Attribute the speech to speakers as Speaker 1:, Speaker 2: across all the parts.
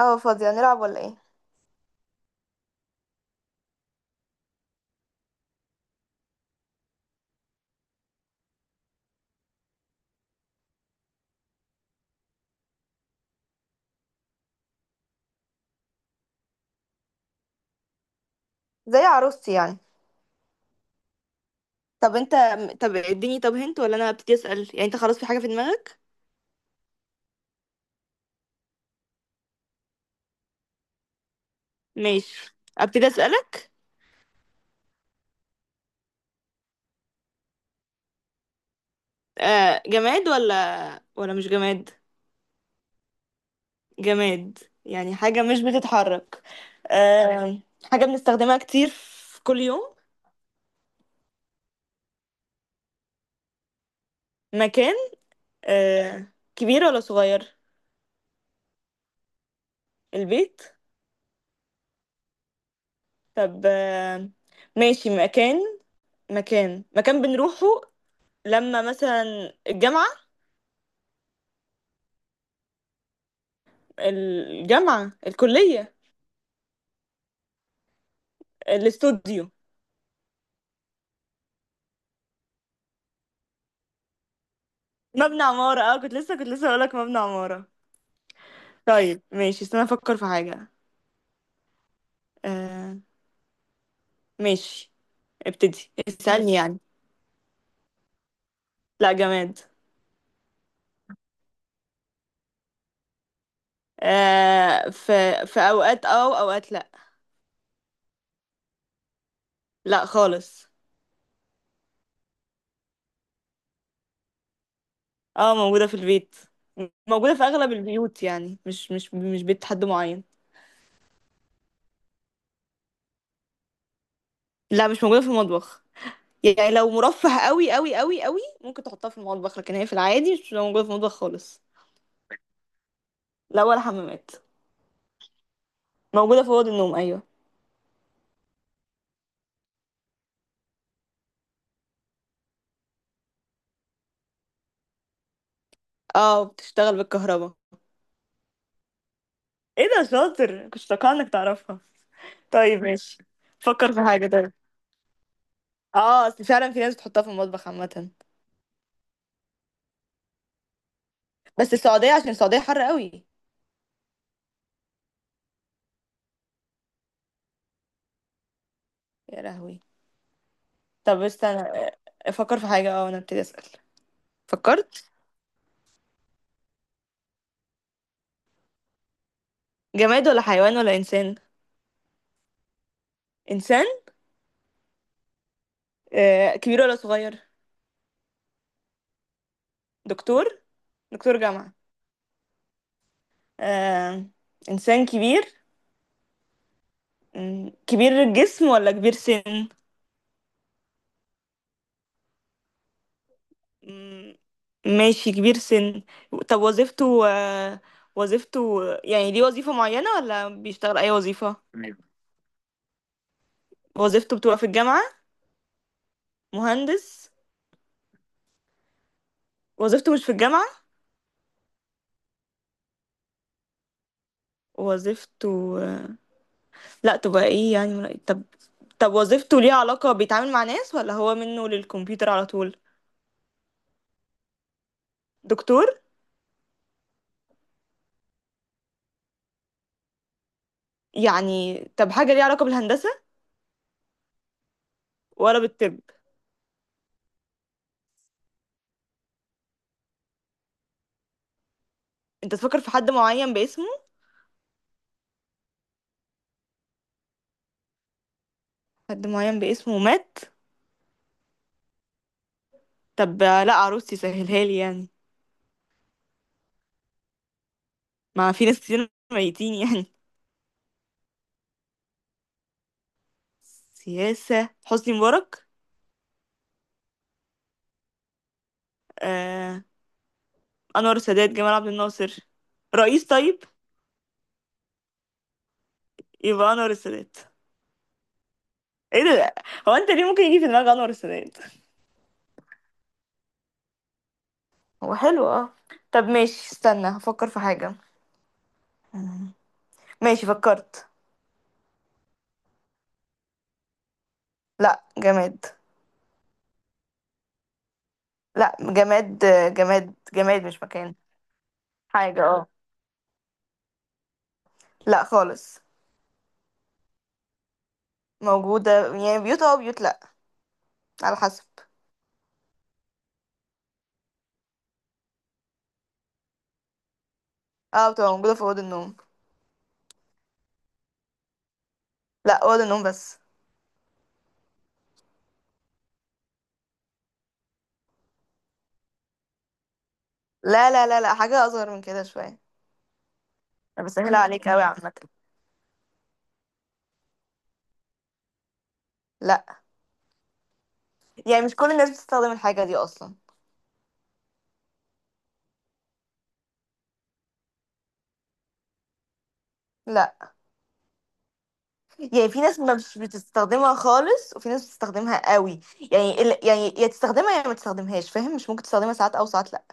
Speaker 1: اه، فاضية، نلعب ولا ايه؟ زي عروستي يعني. طب انت، طب اديني، طب هنت ولا انا ابتدي اسأل؟ يعني انت خلاص في حاجة في دماغك؟ ماشي، ابتدي اسألك. آه، جماد ولا مش جماد؟ جماد. يعني حاجة مش بتتحرك؟ آه. حاجة بنستخدمها كتير في كل يوم؟ مكان. آه، كبير ولا صغير؟ البيت؟ طب آه، ماشي مكان. مكان مكان بنروحه، لما مثلا الجامعة. الجامعة، الكلية، الاستوديو. مبنى عمارة، اه، كنت لسه هقولك مبنى عمارة. طيب ماشي، استنى افكر في حاجة. آه، ماشي، ابتدي اسألني يعني. لا، جماد. آه، في، في اوقات اه واوقات لا. لا خالص. اه، موجودة في البيت. موجودة في اغلب البيوت، يعني مش بيت حد معين. لا، مش موجودة في المطبخ. يعني لو مرفه قوي ممكن تحطها في المطبخ، لكن هي في العادي مش موجودة في المطبخ خالص. لا ولا حمامات. موجودة في أوض النوم، أيوة. اه، بتشتغل بالكهرباء. ايه ده، شاطر، كنت متوقعة انك تعرفها. طيب ماشي، فكر في حاجة طيب. اه، اصل فعلا في ناس بتحطها في المطبخ عامة. بس السعودية، عشان السعودية حر قوي. يا لهوي. طب استنى افكر في حاجة، اه انا ابتدي اسأل. فكرت. جماد ولا حيوان ولا انسان؟ انسان. آه، كبير ولا صغير؟ دكتور؟ دكتور جامعة؟ آه، انسان كبير. مم، كبير الجسم ولا كبير سن؟ مم، ماشي، كبير سن. طب وظيفته آه، وظيفته، يعني ليه وظيفة معينة ولا بيشتغل أي وظيفة؟ وظيفته بتبقى في الجامعة؟ مهندس؟ وظيفته مش في الجامعة. وظيفته آه، لا تبقى ايه يعني طب. طب وظيفته ليها علاقة، بيتعامل مع ناس ولا هو منه للكمبيوتر على طول؟ دكتور؟ يعني طب، حاجة ليها علاقة بالهندسة ولا بالطب؟ انت تفكر في حد معين باسمه؟ حد معين باسمه مات؟ طب آه، لا، عروستي سهلها لي يعني. ما في ناس كتير ميتين يعني. سياسة حسني مبارك؟ آه، أنور السادات، جمال عبد الناصر، رئيس طيب. يبقى أنور السادات. ايه ده، هو انت ليه ممكن يجي في دماغك أنور السادات؟ هو حلو، اه. طب ماشي، استنى هفكر في حاجة. مم. ماشي فكرت. لا، جماد. لا، جماد. آه، جماد جماد، مش مكان. حاجة، اه، لا خالص. موجودة، يعني بيوت اه بيوت لا، على حسب. اه، بتبقى موجودة في أوضة النوم. لا، أوضة النوم بس. لا، حاجة أصغر من كده شوية. أنا بسهلها عليك أوي عامة. لا. يعني مش كل الناس بتستخدم الحاجة دي أصلا. لا. يعني في ناس ما مش بتستخدمها خالص وفي ناس بتستخدمها قوي. يعني يعني يا تستخدمها يا ما تستخدمهاش، فاهم؟ مش ممكن تستخدمها ساعات أو ساعات لا.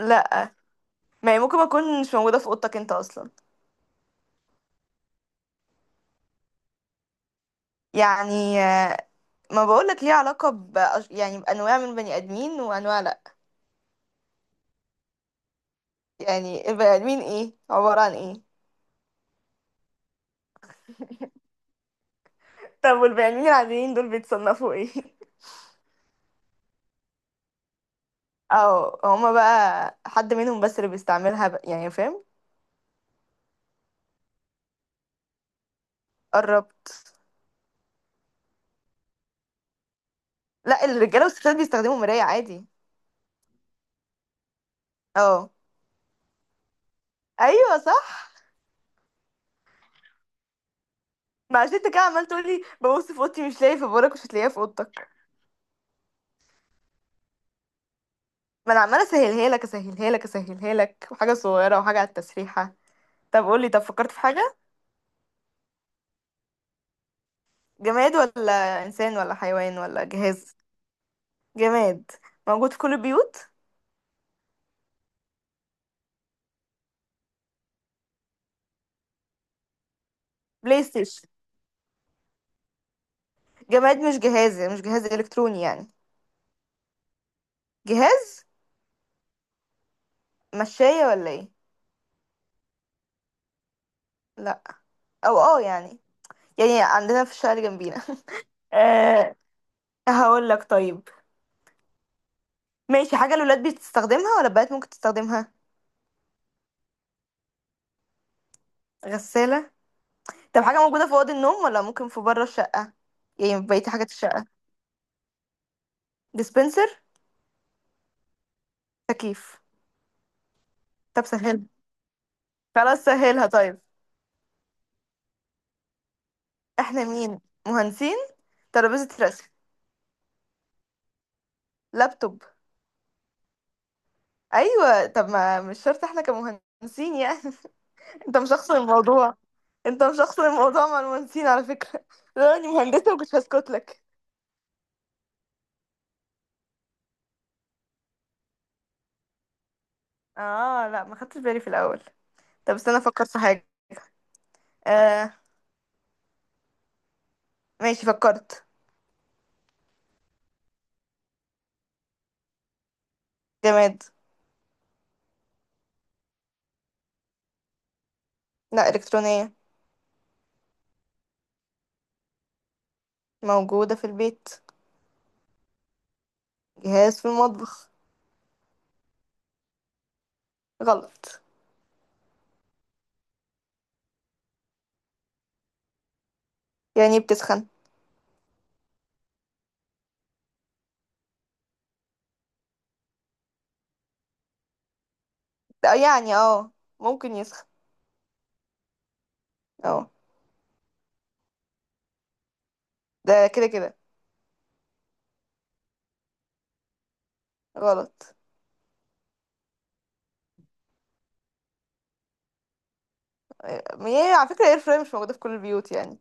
Speaker 1: لا. ما هي ممكن ما تكون مش موجودة في أوضتك أنت أصلا. يعني آه، ما بقولك ليها علاقة ب، يعني بأنواع من البني آدمين وأنواع لا. يعني البني آدمين إيه، عبارة عن إيه؟ طب والبني آدمين العاديين دول بيتصنفوا إيه؟ اه، هما بقى حد منهم بس اللي بيستعملها بقى، يعني فاهم؟ قربت. لا، الرجاله والستات بيستخدموا مرايه عادي. اه، ايوه صح. ما عشان انت كده عمال تقولي ببص في اوضتي مش لاقي. في بورك، مش هتلاقيها في اوضتك. ما انا عماله اسهلها لك اسهلها لك اسهلها لك، وحاجه صغيره وحاجه على التسريحه. طب قولي، طب فكرت في حاجه. جماد ولا انسان ولا حيوان ولا جهاز؟ جماد. موجود في كل البيوت؟ بلاي ستيشن؟ جماد مش جهاز، مش جهاز الكتروني يعني. جهاز. مشاية ولا ايه؟ لا، او اه يعني، يعني عندنا في الشارع جنبينا. أه، هقول لك طيب. ماشي، حاجة الولاد بتستخدمها ولا البنات ممكن تستخدمها؟ غسالة؟ طب حاجة موجودة في أوضة النوم ولا ممكن في بره الشقة، يعني في بقية حاجات الشقة؟ ديسبنسر؟ تكييف؟ طب سهلها. خلاص سهلها طيب. احنا مين، مهندسين؟ ترابيزة رسم؟ لابتوب؟ ايوه. طب ما مش شرط احنا كمهندسين يعني. انت مش شخص الموضوع. انت مش شخص الموضوع مع المهندسين على فكرة. لو اني مهندسة ما كنتش هسكت لك. اه، لا ما خدتش بالي في الاول. طب استنى افكر في حاجه. آه، ماشي فكرت. جماد. لا، الكترونيه. موجوده في البيت. جهاز في المطبخ. غلط. يعني بتسخن؟ آه، يعني اه، ممكن يسخن. اه. ده كده كده. غلط. آه، هي على فكره اير فراير مش موجوده في كل البيوت يعني.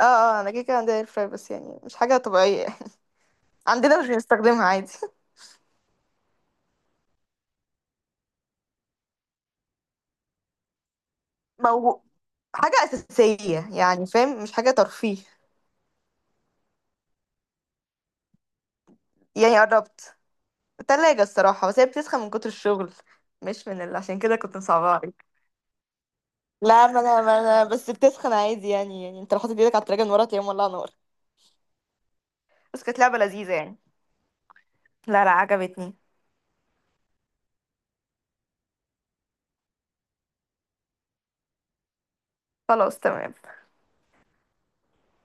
Speaker 1: اه اه، انا كده كده عندي اير فراير، بس يعني مش حاجه طبيعيه يعني. عندنا مش بنستخدمها عادي. موجود. حاجه اساسيه يعني، فاهم؟ مش حاجه ترفيه. يعني قربت، تلاجة الصراحة، بس هي بتسخن من كتر الشغل، مش من اللي، عشان كده كنت مصعبة عليك. لا، ما انا بس بتسخن عادي يعني، يعني انت لو حاطط ايدك على التلاجة من ورا تلاقيها مولعة نار. بس كانت لعبة لذيذة يعني. لا لا، عجبتني. خلاص تمام.